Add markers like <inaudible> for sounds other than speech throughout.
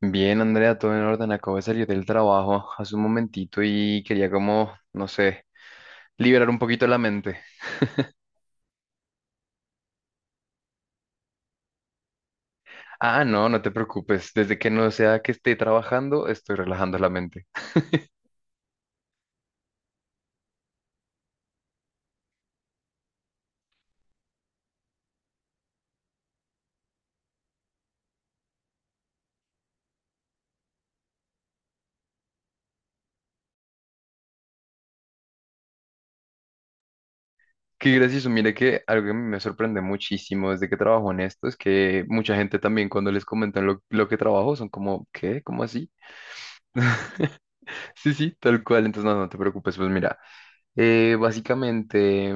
Bien, Andrea, todo en orden. Acabo de salir del trabajo hace un momentito y quería como, no sé, liberar un poquito la mente. Ah, no, no te preocupes. Desde que no sea que esté trabajando, estoy relajando la mente. Qué gracioso. Mire que algo que me sorprende muchísimo desde que trabajo en esto es que mucha gente también cuando les comentan lo que trabajo son como, ¿qué? ¿Cómo así? <laughs> Sí, sí, tal cual. Entonces, no, no te preocupes. Pues mira. Básicamente,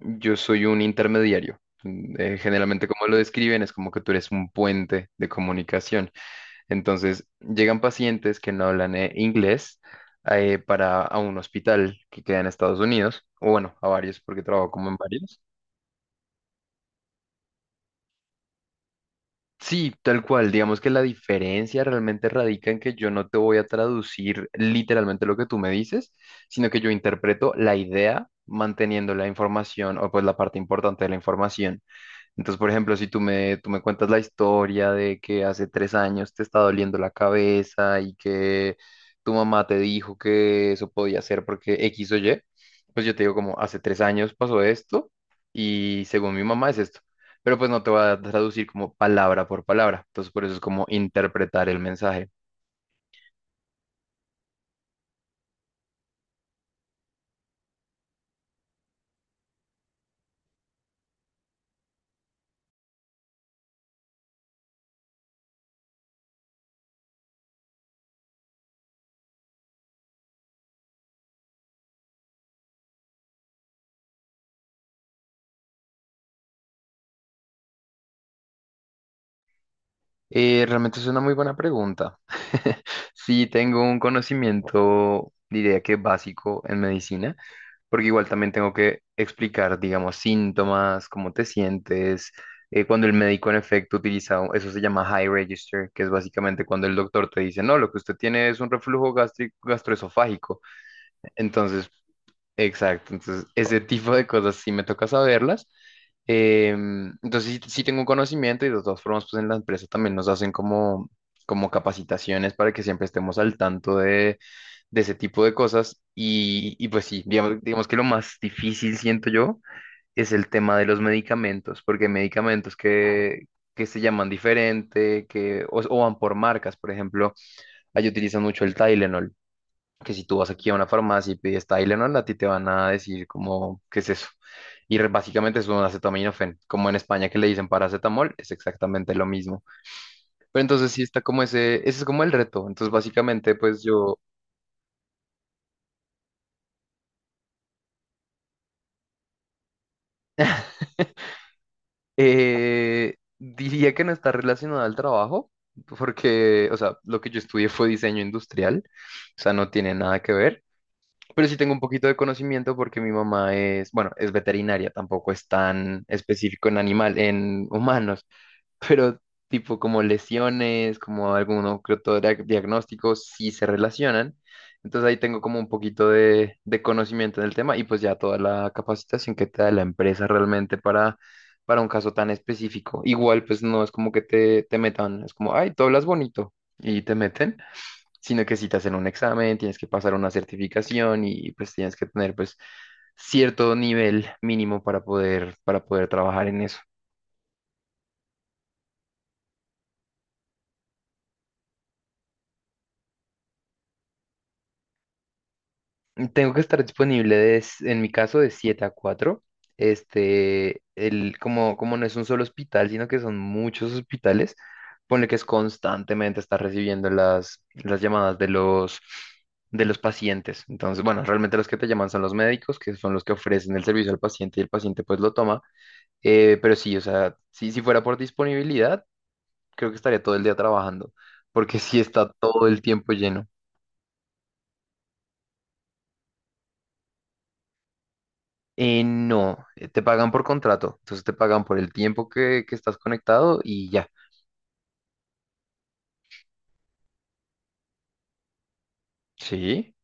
yo soy un intermediario. Generalmente, como lo describen, es como que tú eres un puente de comunicación. Entonces, llegan pacientes que no hablan inglés para a un hospital que queda en Estados Unidos, o bueno, a varios, porque trabajo como en varios. Sí, tal cual. Digamos que la diferencia realmente radica en que yo no te voy a traducir literalmente lo que tú me dices, sino que yo interpreto la idea manteniendo la información o pues la parte importante de la información. Entonces, por ejemplo, si tú me, tú me cuentas la historia de que hace 3 años te está doliendo la cabeza y que tu mamá te dijo que eso podía ser porque X o Y, pues yo te digo como hace 3 años pasó esto y según mi mamá es esto. Pero pues no te voy a traducir como palabra por palabra. Entonces, por eso es como interpretar el mensaje. Realmente es una muy buena pregunta. <laughs> Sí, tengo un conocimiento, diría que básico en medicina. Porque igual también tengo que explicar, digamos, síntomas, cómo te sientes. Eh, cuando el médico en efecto utiliza, eso se llama high register, que es básicamente cuando el doctor te dice, no, lo que usted tiene es un reflujo gástrico, gastroesofágico. Entonces, exacto, entonces ese tipo de cosas sí me toca saberlas. Em, entonces sí, sí tengo un conocimiento y de todas formas, pues en la empresa también nos hacen como, como capacitaciones para que siempre estemos al tanto de ese tipo de cosas. Y pues sí, digamos, digamos que lo más difícil, siento yo, es el tema de los medicamentos, porque hay medicamentos que se llaman diferente, que, o van por marcas, por ejemplo, ahí utilizan mucho el Tylenol, que si tú vas aquí a una farmacia y pides Tylenol, a ti te van a decir como, ¿qué es eso? Y básicamente es un acetaminofén, como en España que le dicen paracetamol, es exactamente lo mismo. Pero entonces sí está como ese es como el reto. Entonces básicamente pues yo. Diría que no está relacionada al trabajo, porque, o sea, lo que yo estudié fue diseño industrial, o sea, no tiene nada que ver, pero sí tengo un poquito de conocimiento porque mi mamá es, bueno, es veterinaria, tampoco es tan específico en animal, en humanos, pero tipo como lesiones, como alguno que otro diagnóstico, sí se relacionan. Entonces ahí tengo como un poquito de conocimiento en el tema y pues ya toda la capacitación que te da la empresa realmente para un caso tan específico. Igual pues no es como que te metan, es como, ay, tú hablas bonito y te meten, sino que si te hacen un examen, tienes que pasar una certificación y pues tienes que tener pues cierto nivel mínimo para poder trabajar en eso. Tengo que estar disponible en mi caso de 7 a 4. Este, el, como, como no es un solo hospital, sino que son muchos hospitales, pone que es constantemente estar recibiendo las llamadas de los pacientes. Entonces, bueno, realmente los que te llaman son los médicos, que son los que ofrecen el servicio al paciente y el paciente pues lo toma. Pero sí, o sea, si, si fuera por disponibilidad, creo que estaría todo el día trabajando, porque sí está todo el tiempo lleno. No, te pagan por contrato, entonces te pagan por el tiempo que estás conectado y ya. Sí.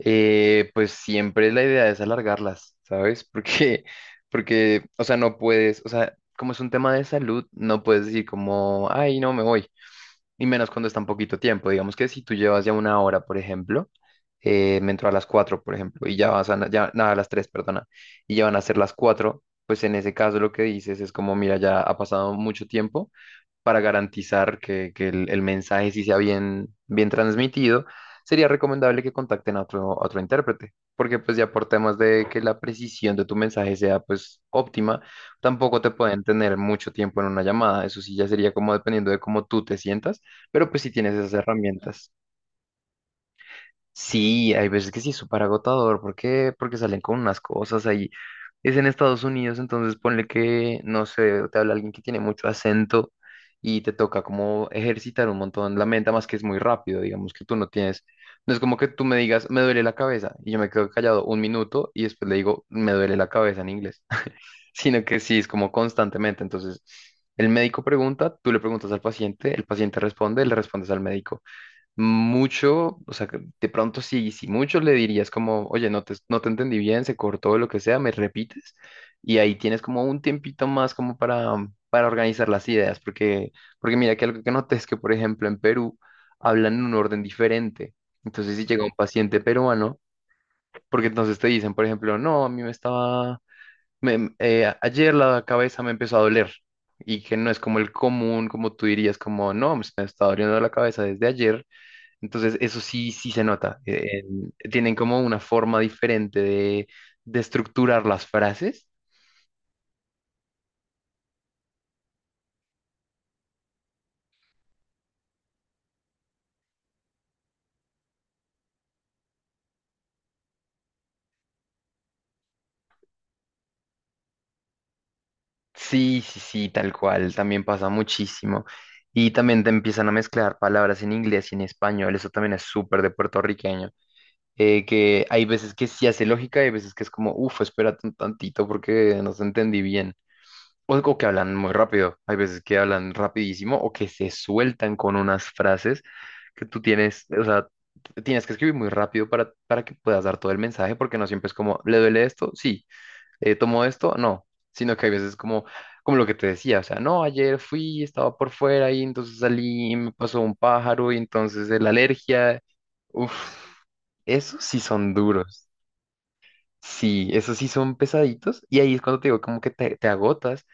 Pues siempre la idea es alargarlas, ¿sabes? <laughs> Porque, porque, o sea, no puedes, o sea, como es un tema de salud, no puedes decir como, ay, no, me voy, y menos cuando está en poquito tiempo. Digamos que si tú llevas ya 1 hora, por ejemplo, me entró a las 4 por ejemplo, ya, nada, a las 3 perdona, y ya van a ser las 4, pues en ese caso lo que dices es como, mira, ya ha pasado mucho tiempo para garantizar que, el mensaje sí sea bien, bien transmitido, sería recomendable que contacten a otro intérprete, porque pues ya por temas de que la precisión de tu mensaje sea pues óptima, tampoco te pueden tener mucho tiempo en una llamada, eso sí ya sería como dependiendo de cómo tú te sientas, pero pues si tienes esas herramientas. Sí, hay veces que sí es súper agotador. ¿Por qué? Porque salen con unas cosas ahí. Es en Estados Unidos, entonces ponle que, no sé, te habla alguien que tiene mucho acento y te toca como ejercitar un montón la mente, más que es muy rápido, digamos que tú no tienes. No es como que tú me digas, me duele la cabeza, y yo me quedo callado 1 minuto y después le digo, me duele la cabeza en inglés, <laughs> sino que sí, es como constantemente. Entonces, el médico pregunta, tú le preguntas al paciente, el paciente responde, le respondes al médico mucho, o sea, que de pronto sí, si mucho le dirías como, oye, no te entendí bien, se cortó lo que sea, me repites, y ahí tienes como un tiempito más como para organizar las ideas, porque, porque mira que algo que noté es que, por ejemplo, en Perú hablan en un orden diferente. Entonces, si llega un Sí. paciente peruano, porque entonces te dicen, por ejemplo, no, a mí me estaba, me- ayer la cabeza me empezó a doler, y que no es como el común, como tú dirías, como, no, me está doliendo la cabeza desde ayer, entonces, eso sí, sí se nota. En- tienen como una forma diferente de estructurar las frases. Sí, sí, sí, tal cual. También pasa muchísimo. Y también te empiezan a mezclar palabras en inglés y en español. Eso también es súper de puertorriqueño. Que hay veces que sí hace lógica y hay veces que es como, uff, espérate un tantito porque no se entendí bien. O que hablan muy rápido. Hay veces que hablan rapidísimo o que se sueltan con unas frases que tú tienes, o sea, tienes que escribir muy rápido para que puedas dar todo el mensaje, porque no siempre es como, ¿le duele esto? Sí. ¿Tomo esto? No. Sino que hay veces como, como lo que te decía, o sea, no, ayer fui, estaba por fuera y entonces salí y me pasó un pájaro y entonces la alergia. Uf, esos sí son duros. Sí, esos sí son pesaditos y ahí es cuando te digo como que te agotas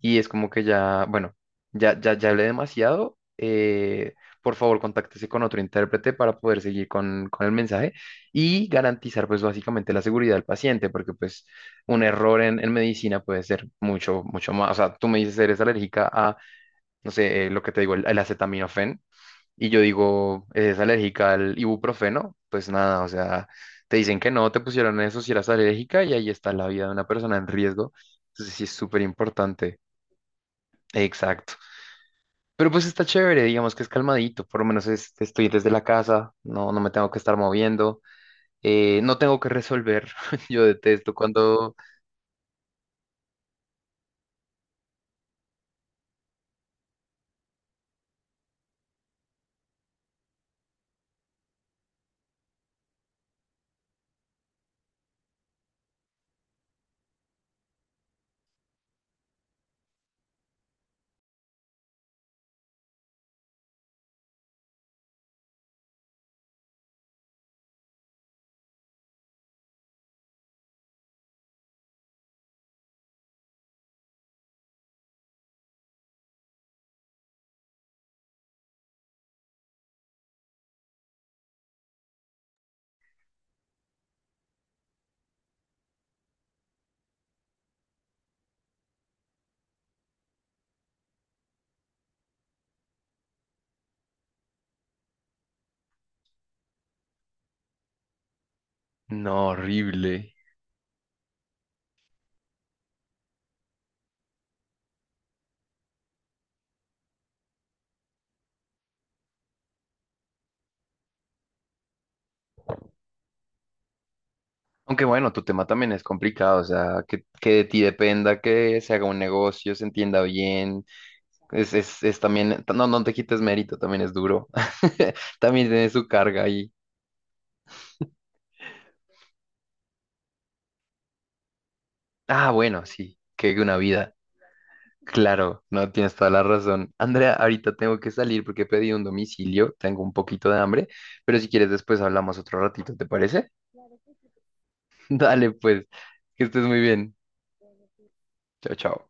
y es como que ya, bueno, ya, ya, ya hablé demasiado, por favor contáctese con otro intérprete para poder seguir con el mensaje y garantizar pues básicamente la seguridad del paciente porque pues un error en medicina puede ser mucho, mucho más, o sea, tú me dices eres alérgica a, no sé, lo que te digo, el acetaminofén y yo digo, ¿es alérgica al ibuprofeno? Pues nada, o sea, te dicen que no, te pusieron eso si eras alérgica y ahí está la vida de una persona en riesgo. Entonces sí es súper importante. Exacto. Pero pues está chévere, digamos que es calmadito, por lo menos estoy desde la casa, no, no me tengo que estar moviendo, no tengo que resolver. <laughs> Yo detesto cuando... No, horrible. Aunque bueno, tu tema también es complicado, o sea, que de ti dependa, que se haga un negocio, se entienda bien. Es también, no, no te quites mérito, también es duro. <laughs> También tiene su carga ahí. Ah, bueno, sí, que una vida. Claro, no tienes toda la razón. Andrea, ahorita tengo que salir porque pedí un domicilio, tengo un poquito de hambre, pero si quieres después hablamos otro ratito, ¿te parece? <laughs> Dale, pues, que estés muy bien. Chao, chao.